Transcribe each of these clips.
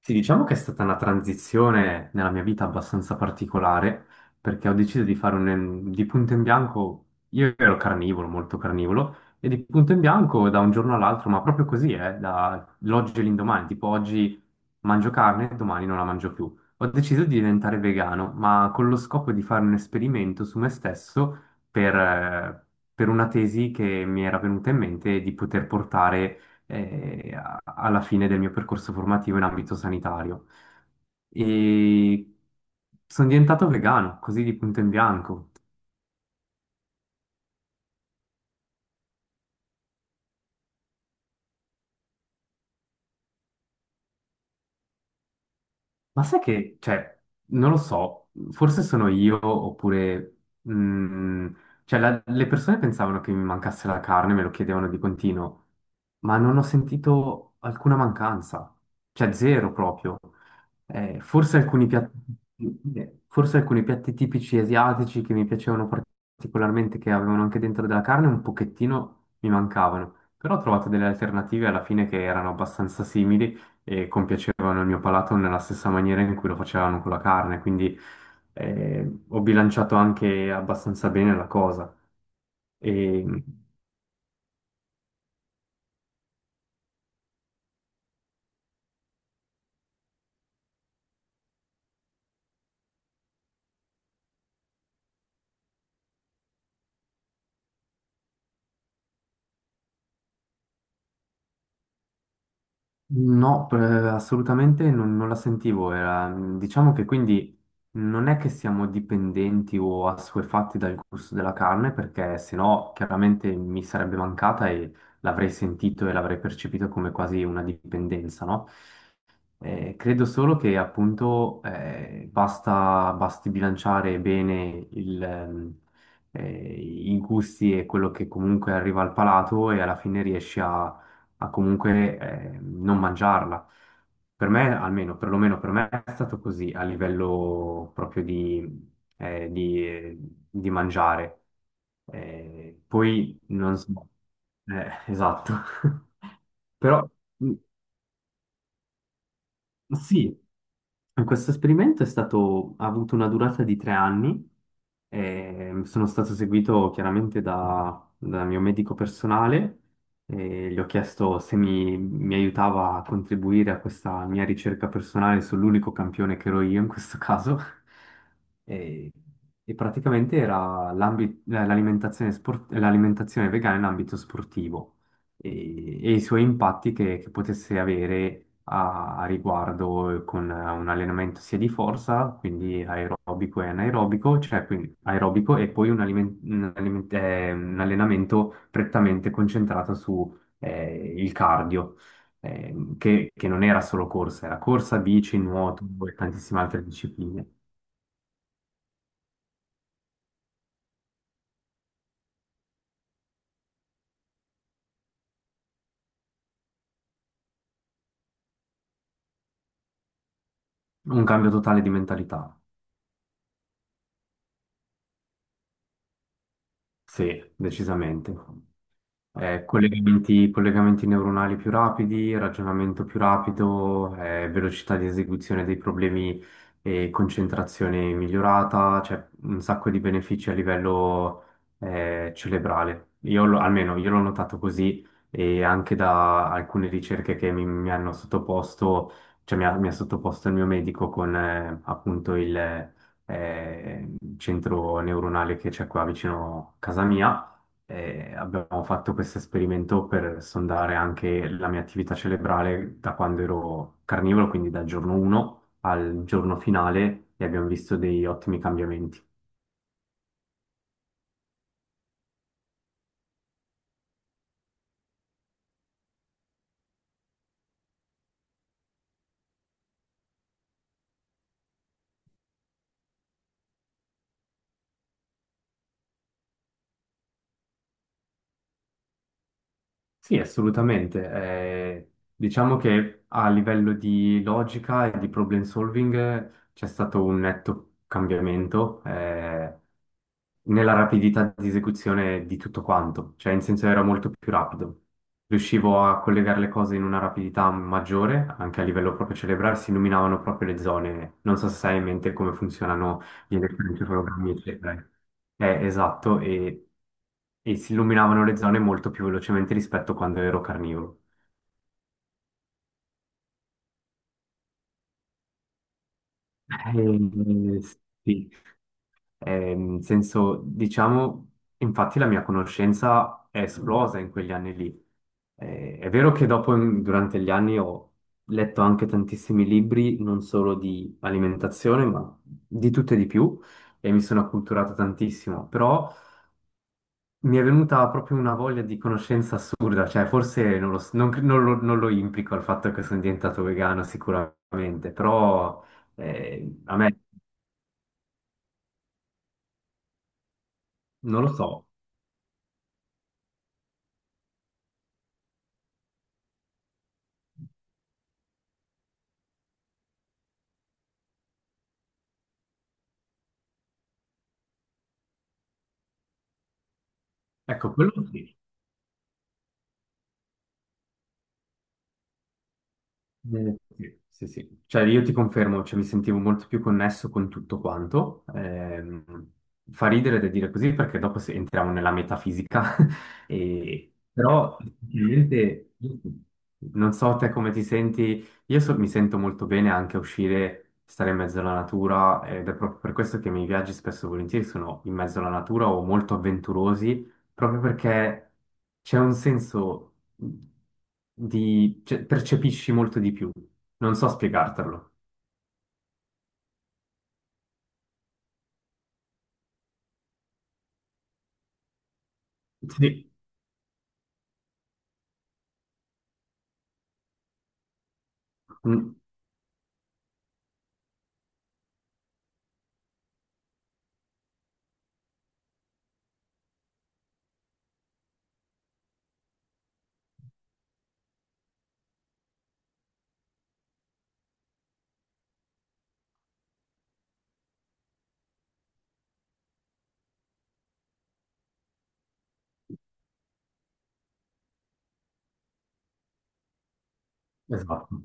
Sì, diciamo che è stata una transizione nella mia vita abbastanza particolare, perché ho deciso di fare di punto in bianco, io ero carnivoro, molto carnivoro, e di punto in bianco da un giorno all'altro, ma proprio così, dall'oggi all'indomani, tipo oggi mangio carne, domani non la mangio più. Ho deciso di diventare vegano, ma con lo scopo di fare un esperimento su me stesso per, eh, per una tesi che mi era venuta in mente di poter portare alla fine del mio percorso formativo in ambito sanitario. E sono diventato vegano, così di punto in bianco. Ma sai che, cioè, non lo so, forse sono io oppure... mm, cioè, le persone pensavano che mi mancasse la carne, me lo chiedevano di continuo, ma non ho sentito alcuna mancanza, cioè zero proprio. Forse alcuni piatti, forse alcuni piatti tipici asiatici che mi piacevano particolarmente, che avevano anche dentro della carne, un pochettino mi mancavano, però ho trovato delle alternative alla fine che erano abbastanza simili e compiacevano il mio palato nella stessa maniera in cui lo facevano con la carne, quindi ho bilanciato anche abbastanza bene la cosa. E no, assolutamente non la sentivo. Diciamo che quindi non è che siamo dipendenti o assuefatti dal gusto della carne, perché sennò chiaramente mi sarebbe mancata e l'avrei sentito e l'avrei percepito come quasi una dipendenza, no? Credo solo che appunto basti bilanciare bene eh, i gusti e quello che comunque arriva al palato e alla fine riesci a comunque non mangiarla. Per me, almeno, perlomeno per me è stato così a livello proprio eh, di- eh, di mangiare. Poi non so, esatto. Però. Sì, questo esperimento ha avuto una durata di 3 anni. E sono stato seguito chiaramente dal mio medico personale e gli ho chiesto se mi aiutava a contribuire a questa mia ricerca personale sull'unico campione che ero io in questo caso. E, e praticamente era l'alimentazione vegana in ambito sportivo e i suoi impatti che potesse avere a riguardo con un allenamento sia di forza, quindi aerobico e anaerobico, cioè quindi aerobico e poi un allenamento prettamente concentrato su il cardio. Che non era solo corsa, era corsa, bici, nuoto e tantissime altre discipline. Un cambio totale di mentalità, sì, decisamente. Collegamenti neuronali più rapidi, ragionamento più rapido, velocità di esecuzione dei problemi e concentrazione migliorata, cioè un sacco di benefici a livello cerebrale. Io almeno io l'ho notato così e anche da alcune ricerche che mi hanno sottoposto, cioè mi ha sottoposto il mio medico con appunto il centro neuronale che c'è qua vicino a casa mia. E abbiamo fatto questo esperimento per sondare anche la mia attività cerebrale da quando ero carnivoro, quindi dal giorno 1 al giorno finale, e abbiamo visto dei ottimi cambiamenti. Sì, assolutamente. Diciamo che a livello di logica e di problem solving c'è stato un netto cambiamento. Nella rapidità di esecuzione di tutto quanto, cioè in senso era molto più rapido. Riuscivo a collegare le cose in una rapidità maggiore, anche a livello proprio cerebrale, si illuminavano proprio le zone. Non so se sai in mente come funzionano gli elettroencefalogrammi, eccetera. Esatto, e si illuminavano le zone molto più velocemente rispetto a quando ero carnivoro. Eh, sì, in senso, diciamo, infatti la mia conoscenza è esplosa in quegli anni lì. È vero che dopo, durante gli anni, ho letto anche tantissimi libri, non solo di alimentazione, ma di tutto e di più, e mi sono acculturato tantissimo, però mi è venuta proprio una voglia di conoscenza assurda, cioè forse non lo, s- non cre- non lo- non lo implico al fatto che sono diventato vegano sicuramente, però a me non lo so. Ecco, quello sì. Sì, sì, sì. Cioè io ti confermo, cioè, mi sentivo molto più connesso con tutto quanto. Fa ridere da dire così perché dopo entriamo nella metafisica. Però effettivamente, non so te come ti senti, io mi sento molto bene anche a uscire, stare in mezzo alla natura ed è proprio per questo che i miei viaggi spesso e volentieri sono in mezzo alla natura o molto avventurosi proprio perché c'è un senso di... cioè, percepisci molto di più. Non so spiegartelo. Sì. Mm, esatto.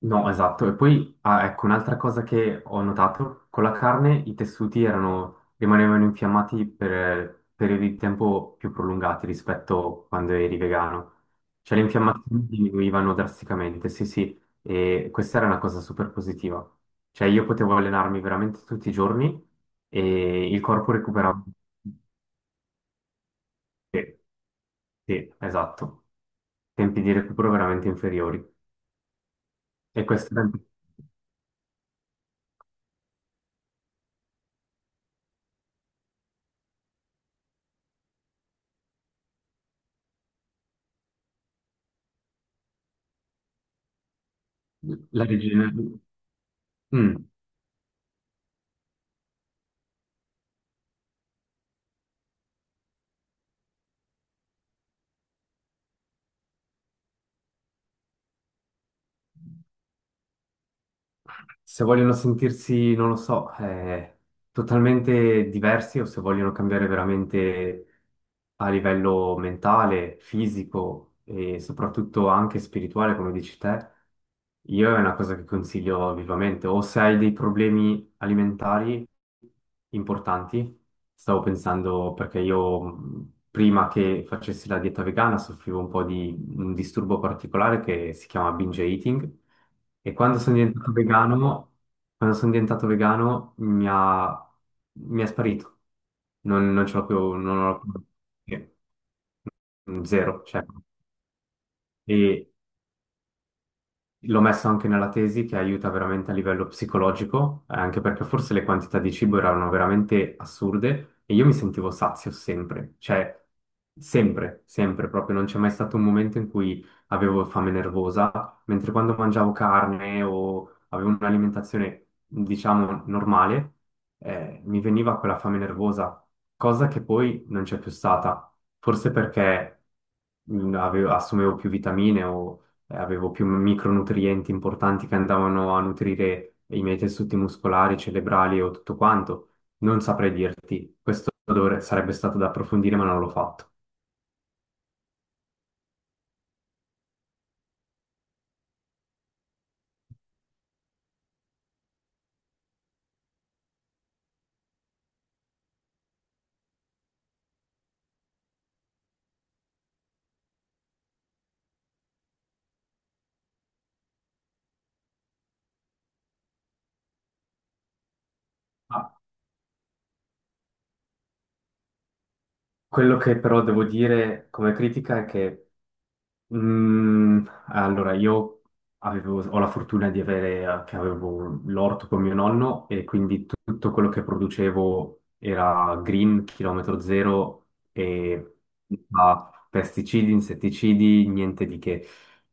No, esatto. E poi, ah, ecco, un'altra cosa che ho notato, con la carne i tessuti erano, rimanevano infiammati per periodi di tempo più prolungati rispetto a quando eri vegano. Cioè le infiammazioni diminuivano drasticamente, sì, sì, e questa era una cosa super positiva. Cioè io potevo allenarmi veramente tutti i giorni e il corpo recuperava. Sì, sì, esatto. Tempi di recupero veramente inferiori. E questa era la rigenerazione. Se vogliono sentirsi, non lo so, totalmente diversi o se vogliono cambiare veramente a livello mentale, fisico e soprattutto anche spirituale, come dici te, io è una cosa che consiglio vivamente. O se hai dei problemi alimentari importanti. Stavo pensando perché io prima che facessi la dieta vegana soffrivo un po' di un disturbo particolare che si chiama binge eating e quando sono diventato vegano mi è sparito. Non ce l'ho più, non ho, eh, zero, cioè. E, L'ho messo anche nella tesi che aiuta veramente a livello psicologico, anche perché forse le quantità di cibo erano veramente assurde e io mi sentivo sazio sempre, cioè sempre, sempre proprio, non c'è mai stato un momento in cui avevo fame nervosa, mentre quando mangiavo carne o avevo un'alimentazione, diciamo, normale, mi veniva quella fame nervosa, cosa che poi non c'è più stata, forse perché assumevo più vitamine o avevo più micronutrienti importanti che andavano a nutrire i miei tessuti muscolari, cerebrali o tutto quanto. Non saprei dirti, questo sarebbe stato da approfondire, ma non l'ho fatto. Ma quello che però devo dire come critica è che allora, io ho la fortuna di avere, che avevo l'orto con mio nonno e quindi tutto quello che producevo era green, chilometro zero e senza pesticidi, insetticidi, niente di che.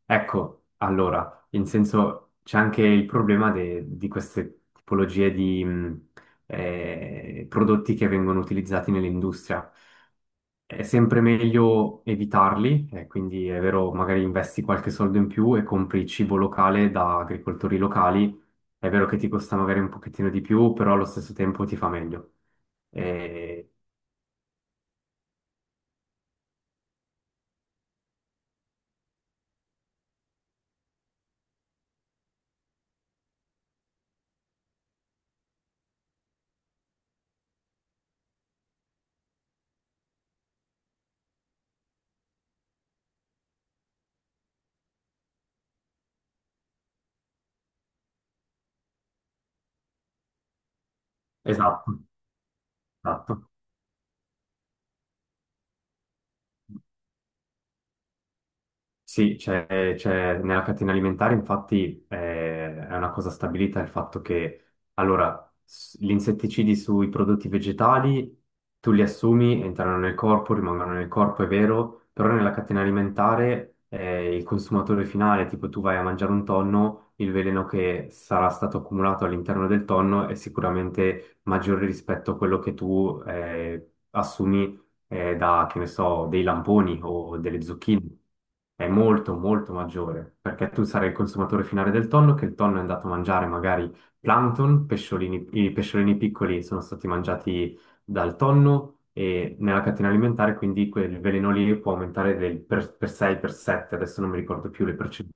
Ecco, allora, in senso c'è anche il problema di queste tipologie di prodotti che vengono utilizzati nell'industria. È sempre meglio evitarli, quindi è vero, magari investi qualche soldo in più e compri cibo locale da agricoltori locali. È vero che ti costa magari un pochettino di più, però allo stesso tempo ti fa meglio. Eh, esatto, esatto. Sì, nella catena alimentare infatti è una cosa stabilita il fatto che allora, gli insetticidi sui prodotti vegetali tu li assumi, entrano nel corpo, rimangono nel corpo, è vero, però nella catena alimentare il consumatore finale, tipo tu vai a mangiare un tonno, il veleno che sarà stato accumulato all'interno del tonno è sicuramente maggiore rispetto a quello che tu assumi da, che ne so, dei lamponi o delle zucchine è molto molto maggiore, perché tu sarai il consumatore finale del tonno, che il tonno è andato a mangiare magari plankton, pesciolini, i pesciolini piccoli sono stati mangiati dal tonno e nella catena alimentare quindi quel veleno lì può aumentare del per 6, per 7, adesso non mi ricordo più le percentuali.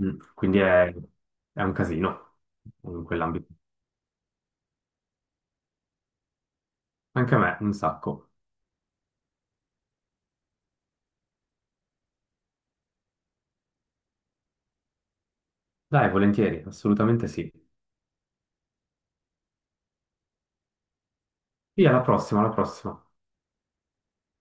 Mm, quindi è un casino in quell'ambito. Anche a me, un sacco. Dai, volentieri, assolutamente sì. Via, alla prossima, alla prossima.